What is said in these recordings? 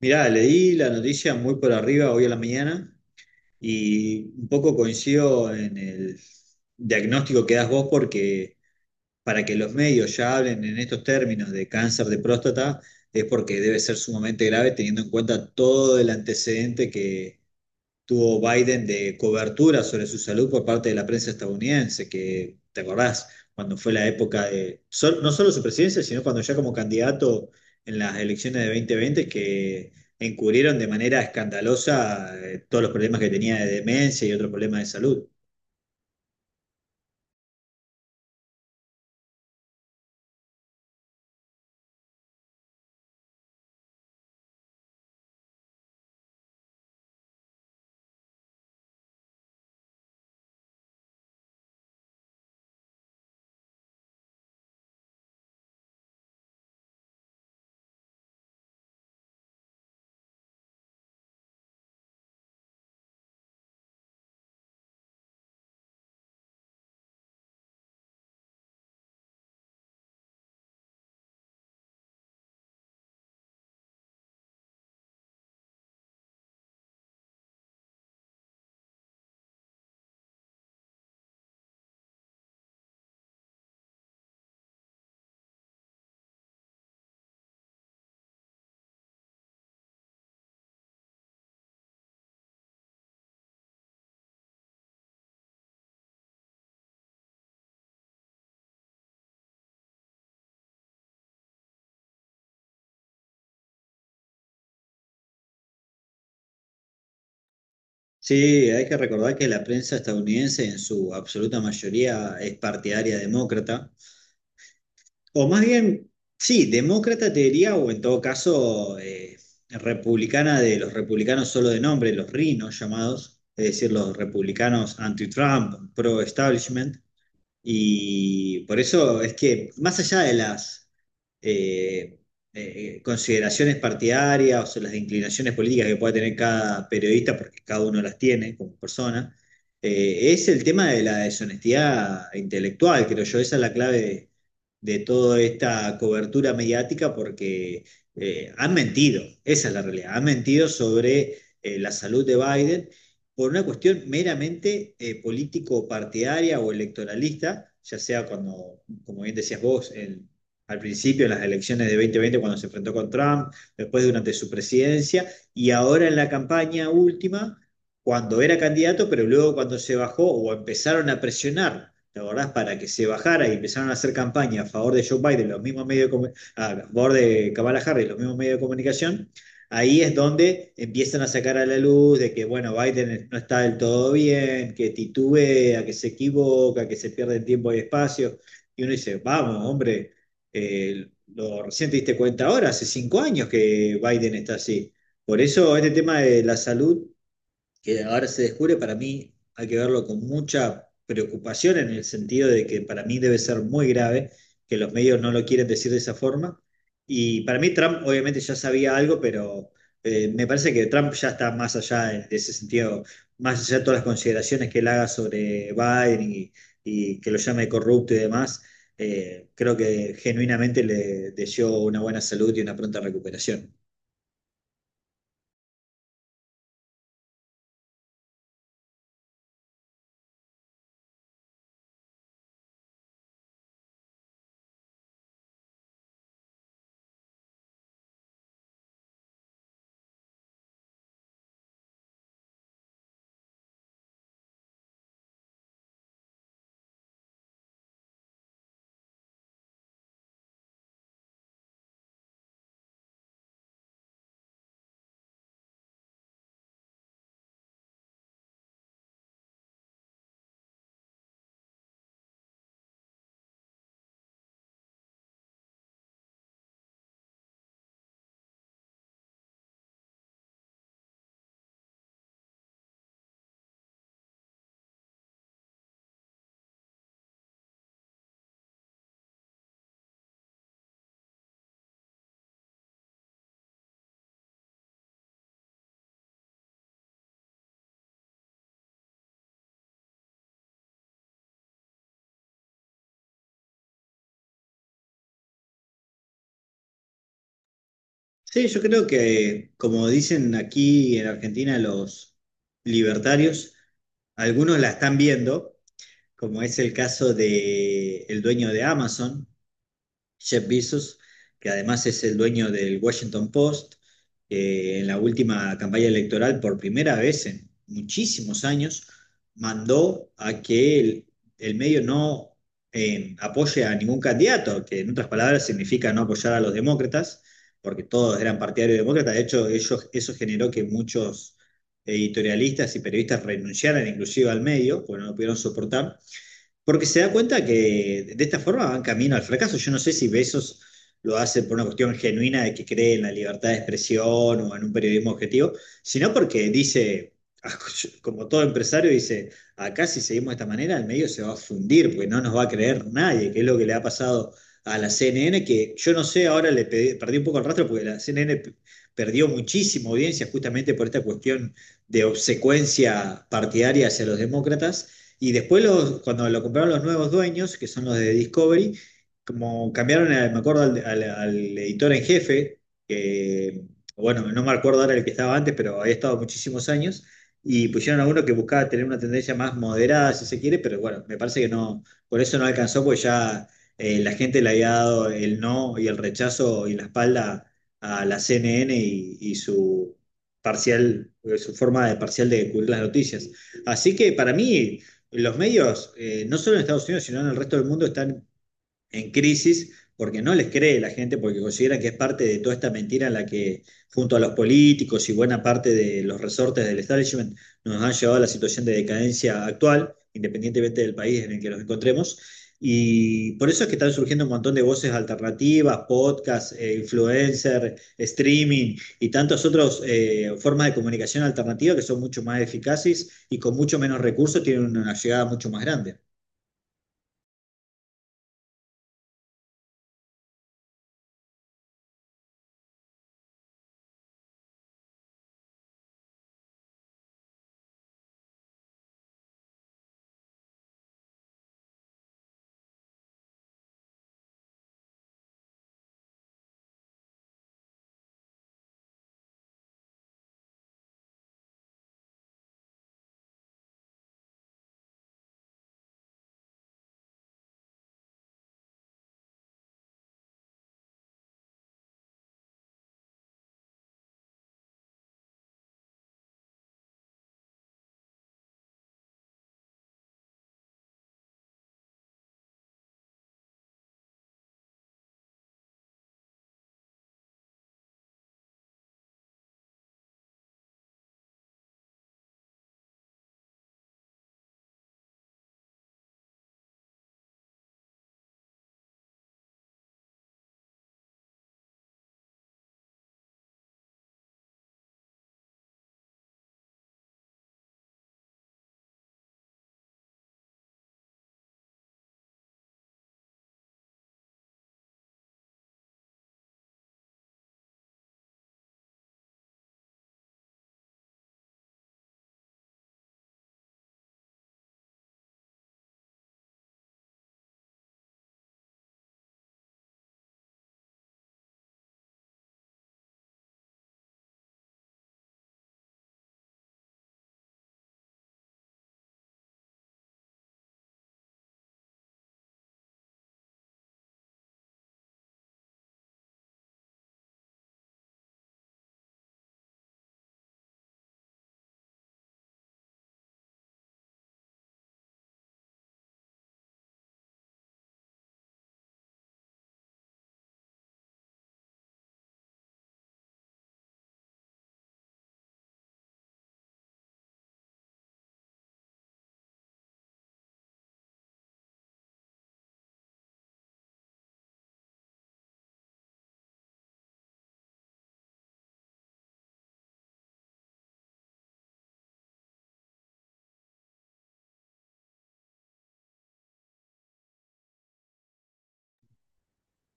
Mirá, leí la noticia muy por arriba hoy a la mañana y un poco coincido en el diagnóstico que das vos, porque para que los medios ya hablen en estos términos de cáncer de próstata es porque debe ser sumamente grave, teniendo en cuenta todo el antecedente que tuvo Biden de cobertura sobre su salud por parte de la prensa estadounidense. Que ¿te acordás cuando fue la época de, no solo su presidencia, sino cuando ya como candidato en las elecciones de 2020, que encubrieron de manera escandalosa todos los problemas que tenía de demencia y otros problemas de salud? Sí, hay que recordar que la prensa estadounidense en su absoluta mayoría es partidaria demócrata. O más bien, sí, demócrata te diría, o en todo caso, republicana. De los republicanos solo de nombre, los rinos llamados, es decir, los republicanos anti-Trump, pro-establishment. Y por eso es que, más allá de las eh, consideraciones partidarias o las inclinaciones políticas que pueda tener cada periodista, porque cada uno las tiene como persona, es el tema de la deshonestidad intelectual, creo yo. Esa es la clave de toda esta cobertura mediática, porque han mentido. Esa es la realidad, han mentido sobre la salud de Biden por una cuestión meramente político-partidaria o electoralista, ya sea cuando, como bien decías vos, al principio en las elecciones de 2020, cuando se enfrentó con Trump, después durante su presidencia y ahora en la campaña última cuando era candidato, pero luego cuando se bajó o empezaron a presionar. ¿Te acordás? Para que se bajara y empezaron a hacer campaña a favor de Joe Biden los mismos medios de a favor de Kamala Harris, los mismos medios de comunicación. Ahí es donde empiezan a sacar a la luz de que, bueno, Biden no está del todo bien, que titubea, que se equivoca, que se pierde tiempo y espacio. Y uno dice, vamos, hombre, eh, lo recién te diste cuenta ahora. Hace 5 años que Biden está así. Por eso este tema de la salud que ahora se descubre, para mí hay que verlo con mucha preocupación, en el sentido de que para mí debe ser muy grave, que los medios no lo quieren decir de esa forma. Y para mí Trump obviamente ya sabía algo, pero me parece que Trump ya está más allá de ese sentido, más allá de todas las consideraciones que él haga sobre Biden y que lo llame corrupto y demás. Creo que genuinamente le deseó una buena salud y una pronta recuperación. Sí, yo creo que, como dicen aquí en Argentina los libertarios, algunos la están viendo, como es el caso de el dueño de Amazon, Jeff Bezos, que además es el dueño del Washington Post. En la última campaña electoral, por primera vez en muchísimos años, mandó a que el medio no apoye a ningún candidato, que en otras palabras significa no apoyar a los demócratas, porque todos eran partidarios demócratas. De hecho, ellos, eso generó que muchos editorialistas y periodistas renunciaran inclusive al medio, porque no lo pudieron soportar. Porque se da cuenta que de esta forma van camino al fracaso. Yo no sé si Besos lo hace por una cuestión genuina de que cree en la libertad de expresión o en un periodismo objetivo, sino porque dice, como todo empresario, dice, acá si seguimos de esta manera, el medio se va a fundir, porque no nos va a creer nadie, que es lo que le ha pasado a la CNN, que yo no sé, ahora perdí un poco el rastro, porque la perdió muchísima audiencia justamente por esta cuestión de obsecuencia partidaria hacia los demócratas. Y después, cuando lo compraron los nuevos dueños, que son los de Discovery, como cambiaron, me acuerdo, al editor en jefe, que, bueno, no me acuerdo ahora el que estaba antes, pero había estado muchísimos años, y pusieron a uno que buscaba tener una tendencia más moderada, si se quiere, pero bueno, me parece que no, por eso no alcanzó, porque ya la gente le había dado el no y el rechazo y la espalda a la CNN, y su parcial, su forma de parcial de cubrir las noticias. Así que para mí los medios, no solo en Estados Unidos, sino en el resto del mundo, están en crisis porque no les cree la gente, porque consideran que es parte de toda esta mentira en la que, junto a los políticos y buena parte de los resortes del establishment, nos han llevado a la situación de decadencia actual, independientemente del país en el que nos encontremos. Y por eso es que están surgiendo un montón de voces alternativas, podcasts, influencer, streaming y tantas otras formas de comunicación alternativa, que son mucho más eficaces y con mucho menos recursos tienen una llegada mucho más grande.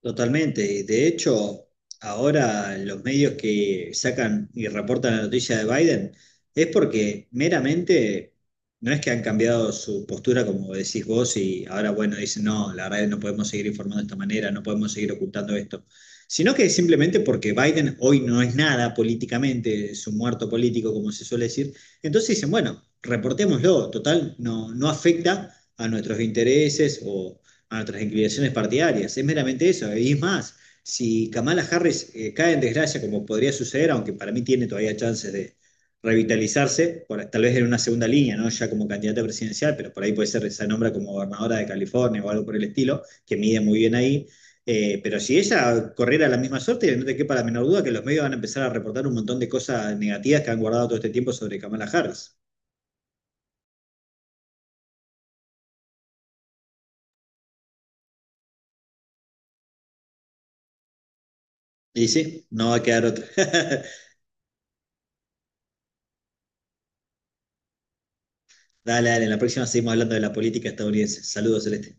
Totalmente. De hecho, ahora los medios que sacan y reportan la noticia de Biden es porque meramente no es que han cambiado su postura, como decís vos, y ahora, bueno, dicen, no, la verdad es que no podemos seguir informando de esta manera, no podemos seguir ocultando esto, sino que es simplemente porque Biden hoy no es nada políticamente, es un muerto político, como se suele decir. Entonces dicen, bueno, reportémoslo, total, no, no afecta a nuestros intereses o a nuestras inclinaciones partidarias. Es meramente eso. Y es más, si Kamala Harris cae en desgracia, como podría suceder, aunque para mí tiene todavía chances de revitalizarse, tal vez en una segunda línea, ¿no? Ya como candidata presidencial, pero por ahí puede ser, se nombra como gobernadora de California o algo por el estilo, que mide muy bien ahí. Pero si ella corriera la misma suerte, no te quepa la menor duda que los medios van a empezar a reportar un montón de cosas negativas que han guardado todo este tiempo sobre Kamala Harris. Y sí, no va a quedar otra. Dale, dale, en la próxima seguimos hablando de la política estadounidense. Saludos, Celeste.